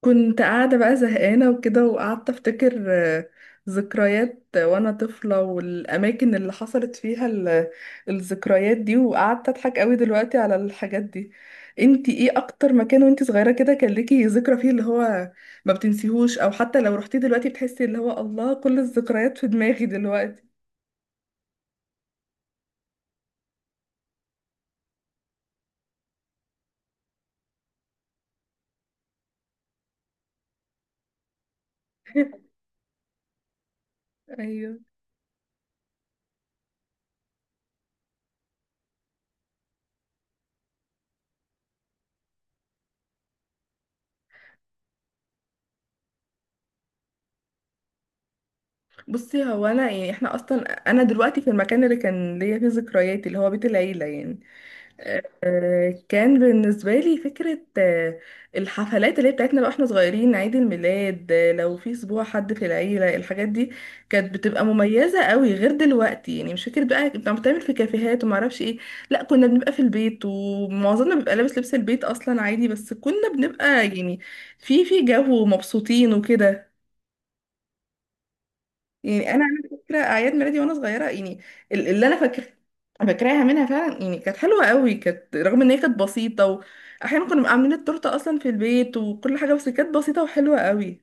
كنت قاعدة بقى زهقانة وكده وقعدت أفتكر ذكريات وأنا طفلة والأماكن اللي حصلت فيها الذكريات دي، وقعدت أضحك قوي دلوقتي على الحاجات دي. انتي ايه أكتر مكان وانتي صغيرة كده كان ليكي ذكرى فيه اللي هو ما بتنسيهوش، أو حتى لو رحتي دلوقتي بتحسي اللي هو الله كل الذكريات في دماغي دلوقتي؟ ايوه. بصي، هو انا يعني احنا اصلا انا دلوقتي في المكان اللي كان ليا فيه ذكرياتي اللي هو بيت العيله يعني. كان بالنسبة لي فكرة الحفلات اللي هي بتاعتنا بقى واحنا صغيرين، عيد الميلاد، لو في اسبوع حد في العيلة، الحاجات دي كانت بتبقى مميزة قوي غير دلوقتي. يعني مش فكرة بقى كنت عم بتعمل في كافيهات وما اعرفش ايه، لا، كنا بنبقى في البيت ومعظمنا بيبقى لابس لبس البيت اصلا عادي، بس كنا بنبقى يعني في جو مبسوطين وكده. يعني انا على فكره اعياد ميلادي وانا صغيره يعني ال- اللي انا فاكر فاكراها منها فعلا، يعني كانت حلوه قوي، كانت رغم ان هي كانت بسيطه، واحيانا كنا بنبقى عاملين التورته اصلا في البيت وكل حاجه، بس كانت بسيطه وحلوه قوي.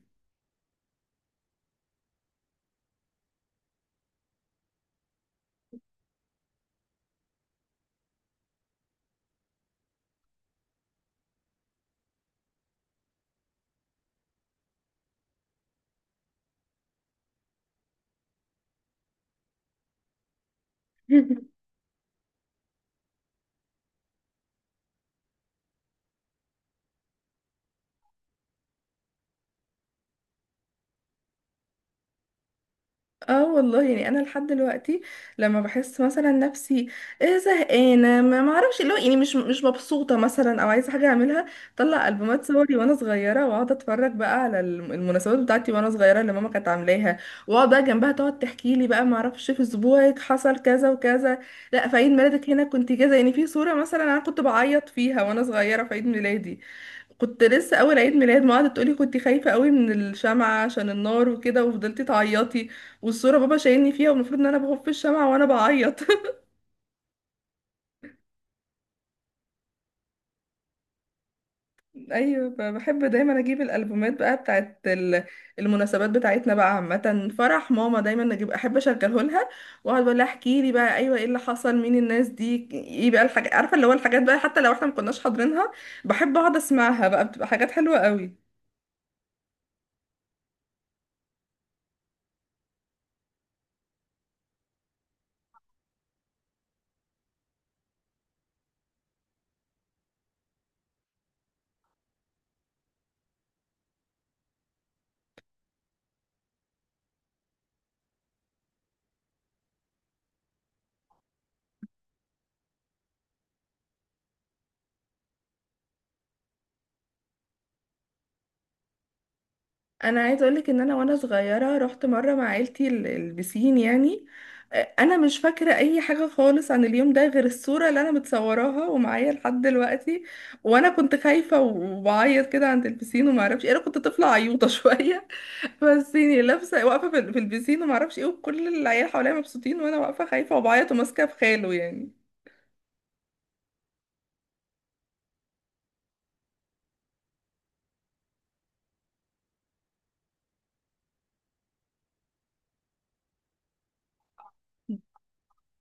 اه والله، يعني انا لحد دلوقتي لما بحس مثلا نفسي إيه زهقانه، ما اعرفش، اللي هو يعني مش مبسوطه مثلا او عايزه حاجه اعملها، طلع البومات صوري وانا صغيره واقعد اتفرج بقى على المناسبات بتاعتي وانا صغيره اللي ماما كانت عاملاها، واقعد بقى جنبها تقعد تحكي لي بقى ما اعرفش، في اسبوعك حصل كذا وكذا، لا في عيد ميلادك هنا كنت كذا، يعني في صوره مثلا انا كنت بعيط فيها وانا صغيره في عيد ميلادي، كنت لسه اول عيد ميلاد، ما قعدت تقولي كنت خايفه قوي من الشمعه عشان النار وكده وفضلتي تعيطي، والصوره بابا شايلني فيها والمفروض ان انا بخف الشمعه وانا بعيط. ايوه، بحب دايما اجيب الالبومات بقى بتاعت المناسبات بتاعتنا بقى عامه، فرح ماما دايما اجيب احب اشغله لها، واقعد بقول لها احكي لي بقى، ايوه ايه اللي حصل، مين الناس دي، ايه بقى الحاجات، عارفه اللي هو الحاجات بقى حتى لو احنا ما كناش حاضرينها. بحب اقعد اسمعها بقى، بتبقى حاجات حلوه قوي. انا عايزه اقولك ان انا وانا صغيره رحت مره مع عيلتي البسين يعني. انا مش فاكره اي حاجه خالص عن اليوم ده غير الصوره اللي انا متصوراها ومعايا لحد دلوقتي، وانا كنت خايفه وبعيط كده عند البسين وما اعرفش إيه. انا كنت طفله عيوطه شويه، بس يعني لابسه واقفه في في البسين وما اعرفش ايه، وكل العيال حواليا مبسوطين وانا واقفه خايفه وبعيط وماسكه في خاله يعني.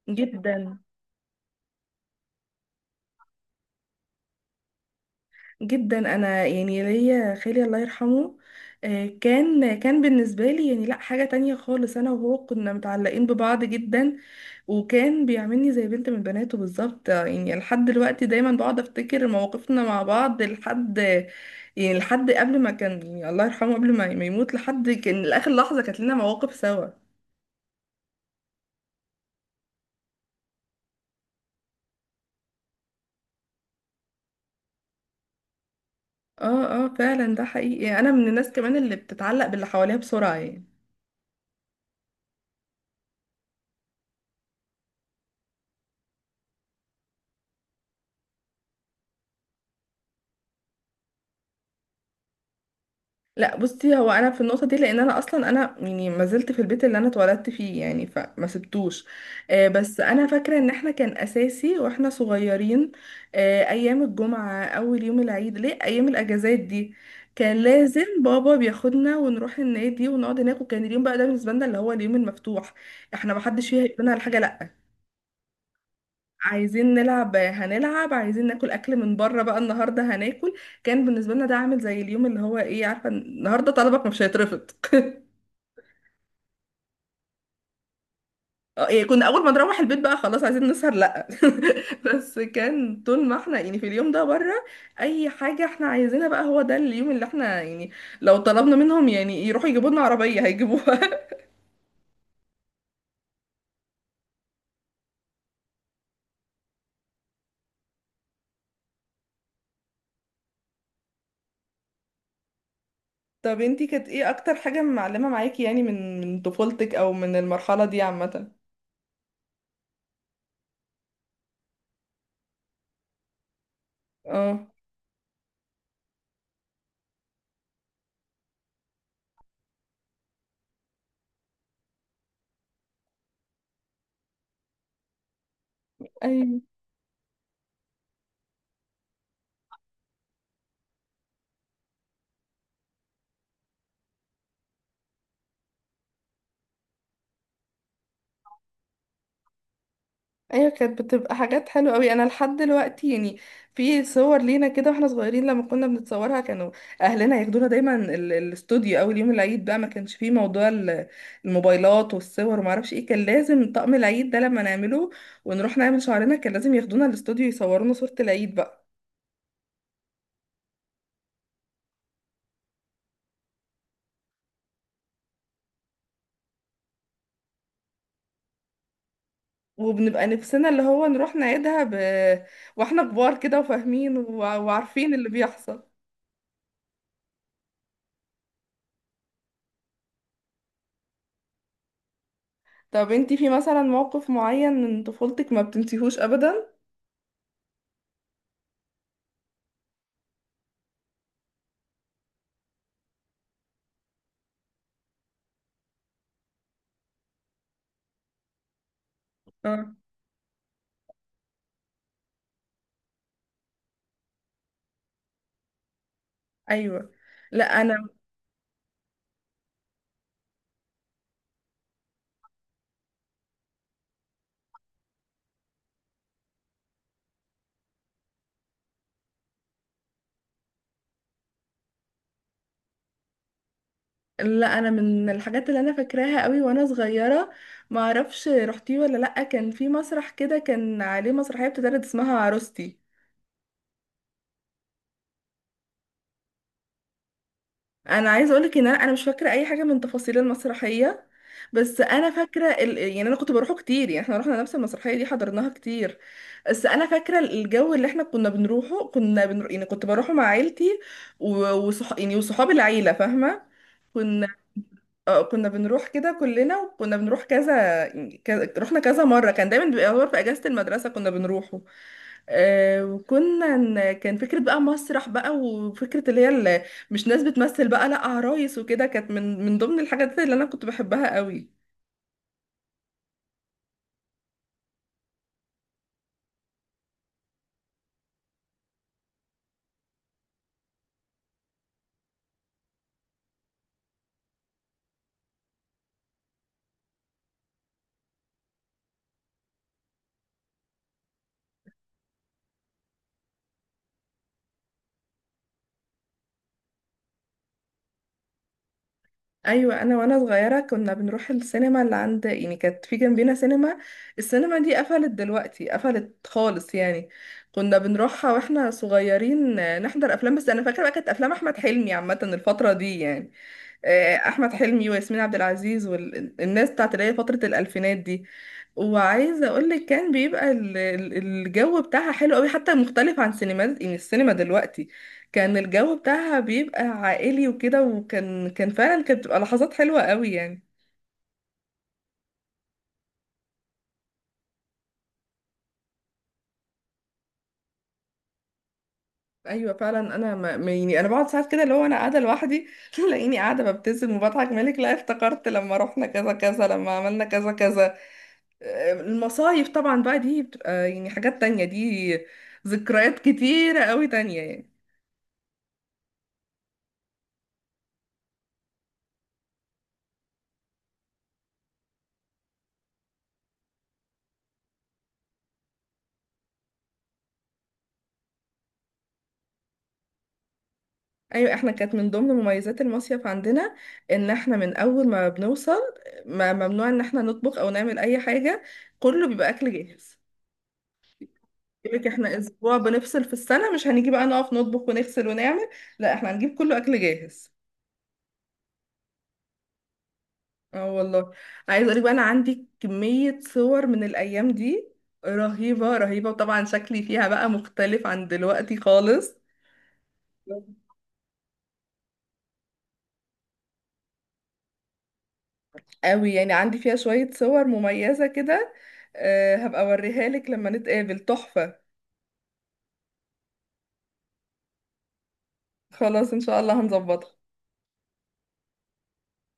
جدا. جدا، انا يعني ليا خالي الله يرحمه، كان بالنسبه لي يعني لا حاجه تانية خالص، انا وهو كنا متعلقين ببعض جدا، وكان بيعاملني زي بنت من بناته بالظبط، يعني لحد دلوقتي دايما بقعد افتكر مواقفنا مع بعض لحد، يعني لحد قبل ما كان يعني الله يرحمه قبل ما يموت، لحد كان لاخر لحظه كانت لنا مواقف سوا. اه اه، فعلا ده حقيقي، انا من الناس كمان اللي بتتعلق باللي حواليها بسرعه يعني. لا، بصي، هو انا في النقطه دي لان انا اصلا انا يعني ما زلت في البيت اللي انا اتولدت فيه يعني فما سبتوش. آه، بس انا فاكره ان احنا كان اساسي واحنا صغيرين، آه، ايام الجمعه، اول يوم العيد، ليه، ايام الاجازات دي كان لازم بابا بياخدنا ونروح النادي ونقعد هناك، وكان اليوم بقى ده بالنسبه لنا اللي هو اليوم المفتوح. احنا ما حدش فيها يقولنا على حاجه لا، عايزين نلعب هنلعب، عايزين ناكل اكل من بره بقى النهارده هناكل، كان بالنسبه لنا ده عامل زي اليوم اللي هو ايه، عارفه، النهارده طلبك مش هيترفض. اه، يعني كنا اول ما نروح البيت بقى خلاص عايزين نسهر لا. بس كان طول ما احنا يعني في اليوم ده بره اي حاجه احنا عايزينها بقى، هو ده اليوم اللي احنا يعني لو طلبنا منهم يعني يروحوا يجيبوا لنا عربيه هيجيبوها. طب انتي كانت ايه اكتر حاجه معلمه معاكي، يعني من طفولتك او من المرحله دي عامه؟ اه. ايوه. ايوه، كانت بتبقى حاجات حلوه قوي. انا لحد دلوقتي يعني في صور لينا كده واحنا صغيرين لما كنا بنتصورها، كانوا اهلنا ياخدونا دايما الاستوديو اول يوم العيد بقى، ما كانش فيه موضوع الموبايلات والصور وما اعرفش ايه، كان لازم طقم العيد ده لما نعمله ونروح نعمل شعرنا، كان لازم ياخدونا الاستوديو يصورونا صوره العيد بقى. وبنبقى نفسنا اللي هو نروح نعيدها واحنا كبار كده وفاهمين وعارفين اللي بيحصل. طب انتي في مثلا موقف معين من طفولتك ما بتنسيهوش ابدا؟ ايوه. لا انا، لا انا من الحاجات اللي انا فاكراها قوي وانا صغيره، ما اعرفش رحتيه ولا لا، كان في مسرح كده كان عليه مسرحيه بتتعرض اسمها عروستي. انا عايزه اقولك ان أنا مش فاكره اي حاجه من تفاصيل المسرحيه، بس انا فاكره يعني انا كنت بروحه كتير، يعني احنا رحنا نفس المسرحيه دي حضرناها كتير، بس انا فاكره الجو اللي احنا كنا بنروحه، يعني كنت بروحه مع عيلتي يعني وصحاب العيله فاهمه، كنا، اه كنا بنروح كده كلنا، وكنا بنروح كذا يعني كذا، رحنا كذا مرة، كان دايما بيبقى هو في أجازة المدرسة كنا بنروحه. آه وكنا كان فكرة بقى مسرح بقى، وفكرة اللي هي اللي مش ناس بتمثل بقى، لا عرايس وكده، كانت من ضمن الحاجات اللي أنا كنت بحبها قوي. ايوه. انا وانا صغيره كنا بنروح السينما اللي عند، يعني كانت في جنبنا سينما، السينما دي قفلت دلوقتي، قفلت خالص يعني، كنا بنروحها واحنا صغيرين، نحضر افلام، بس انا فاكره بقى كانت افلام احمد حلمي عامه الفتره دي يعني، احمد حلمي وياسمين عبد العزيز والناس بتاعت اللي هي فتره الالفينات دي. وعايزه اقول لك كان بيبقى الجو بتاعها حلو قوي، حتى مختلف عن سينمات يعني السينما دلوقتي، كان الجو بتاعها بيبقى عائلي وكده، وكان فعلا كانت بتبقى لحظات حلوه قوي يعني. ايوه فعلا. انا يعني انا بقعد ساعات كده اللي هو انا قاعده لوحدي تلاقيني قاعده ببتسم وبضحك، مالك، لا افتكرت لما رحنا كذا كذا، لما عملنا كذا كذا. المصايف طبعا بقى دي بتبقى يعني حاجات تانية دي، ذكريات كتيرة قوي تانية يعني. ايوه احنا كانت من ضمن مميزات المصيف عندنا ان احنا من اول ما بنوصل، ما ممنوع ان احنا نطبخ او نعمل اي حاجة، كله بيبقى اكل جاهز. يقولك احنا اسبوع بنفصل في السنة، مش هنيجي بقى نقف نطبخ ونغسل ونعمل، لا احنا هنجيب كله اكل جاهز. اه والله. عايزه اقول لك بقى انا عندي كميه صور من الايام دي رهيبه، رهيبه، وطبعا شكلي فيها بقى مختلف عن دلوقتي خالص. قوي يعني، عندي فيها شويه صور مميزه كده، أه هبقى اوريها لك لما نتقابل، تحفه. خلاص ان شاء الله هنظبطها.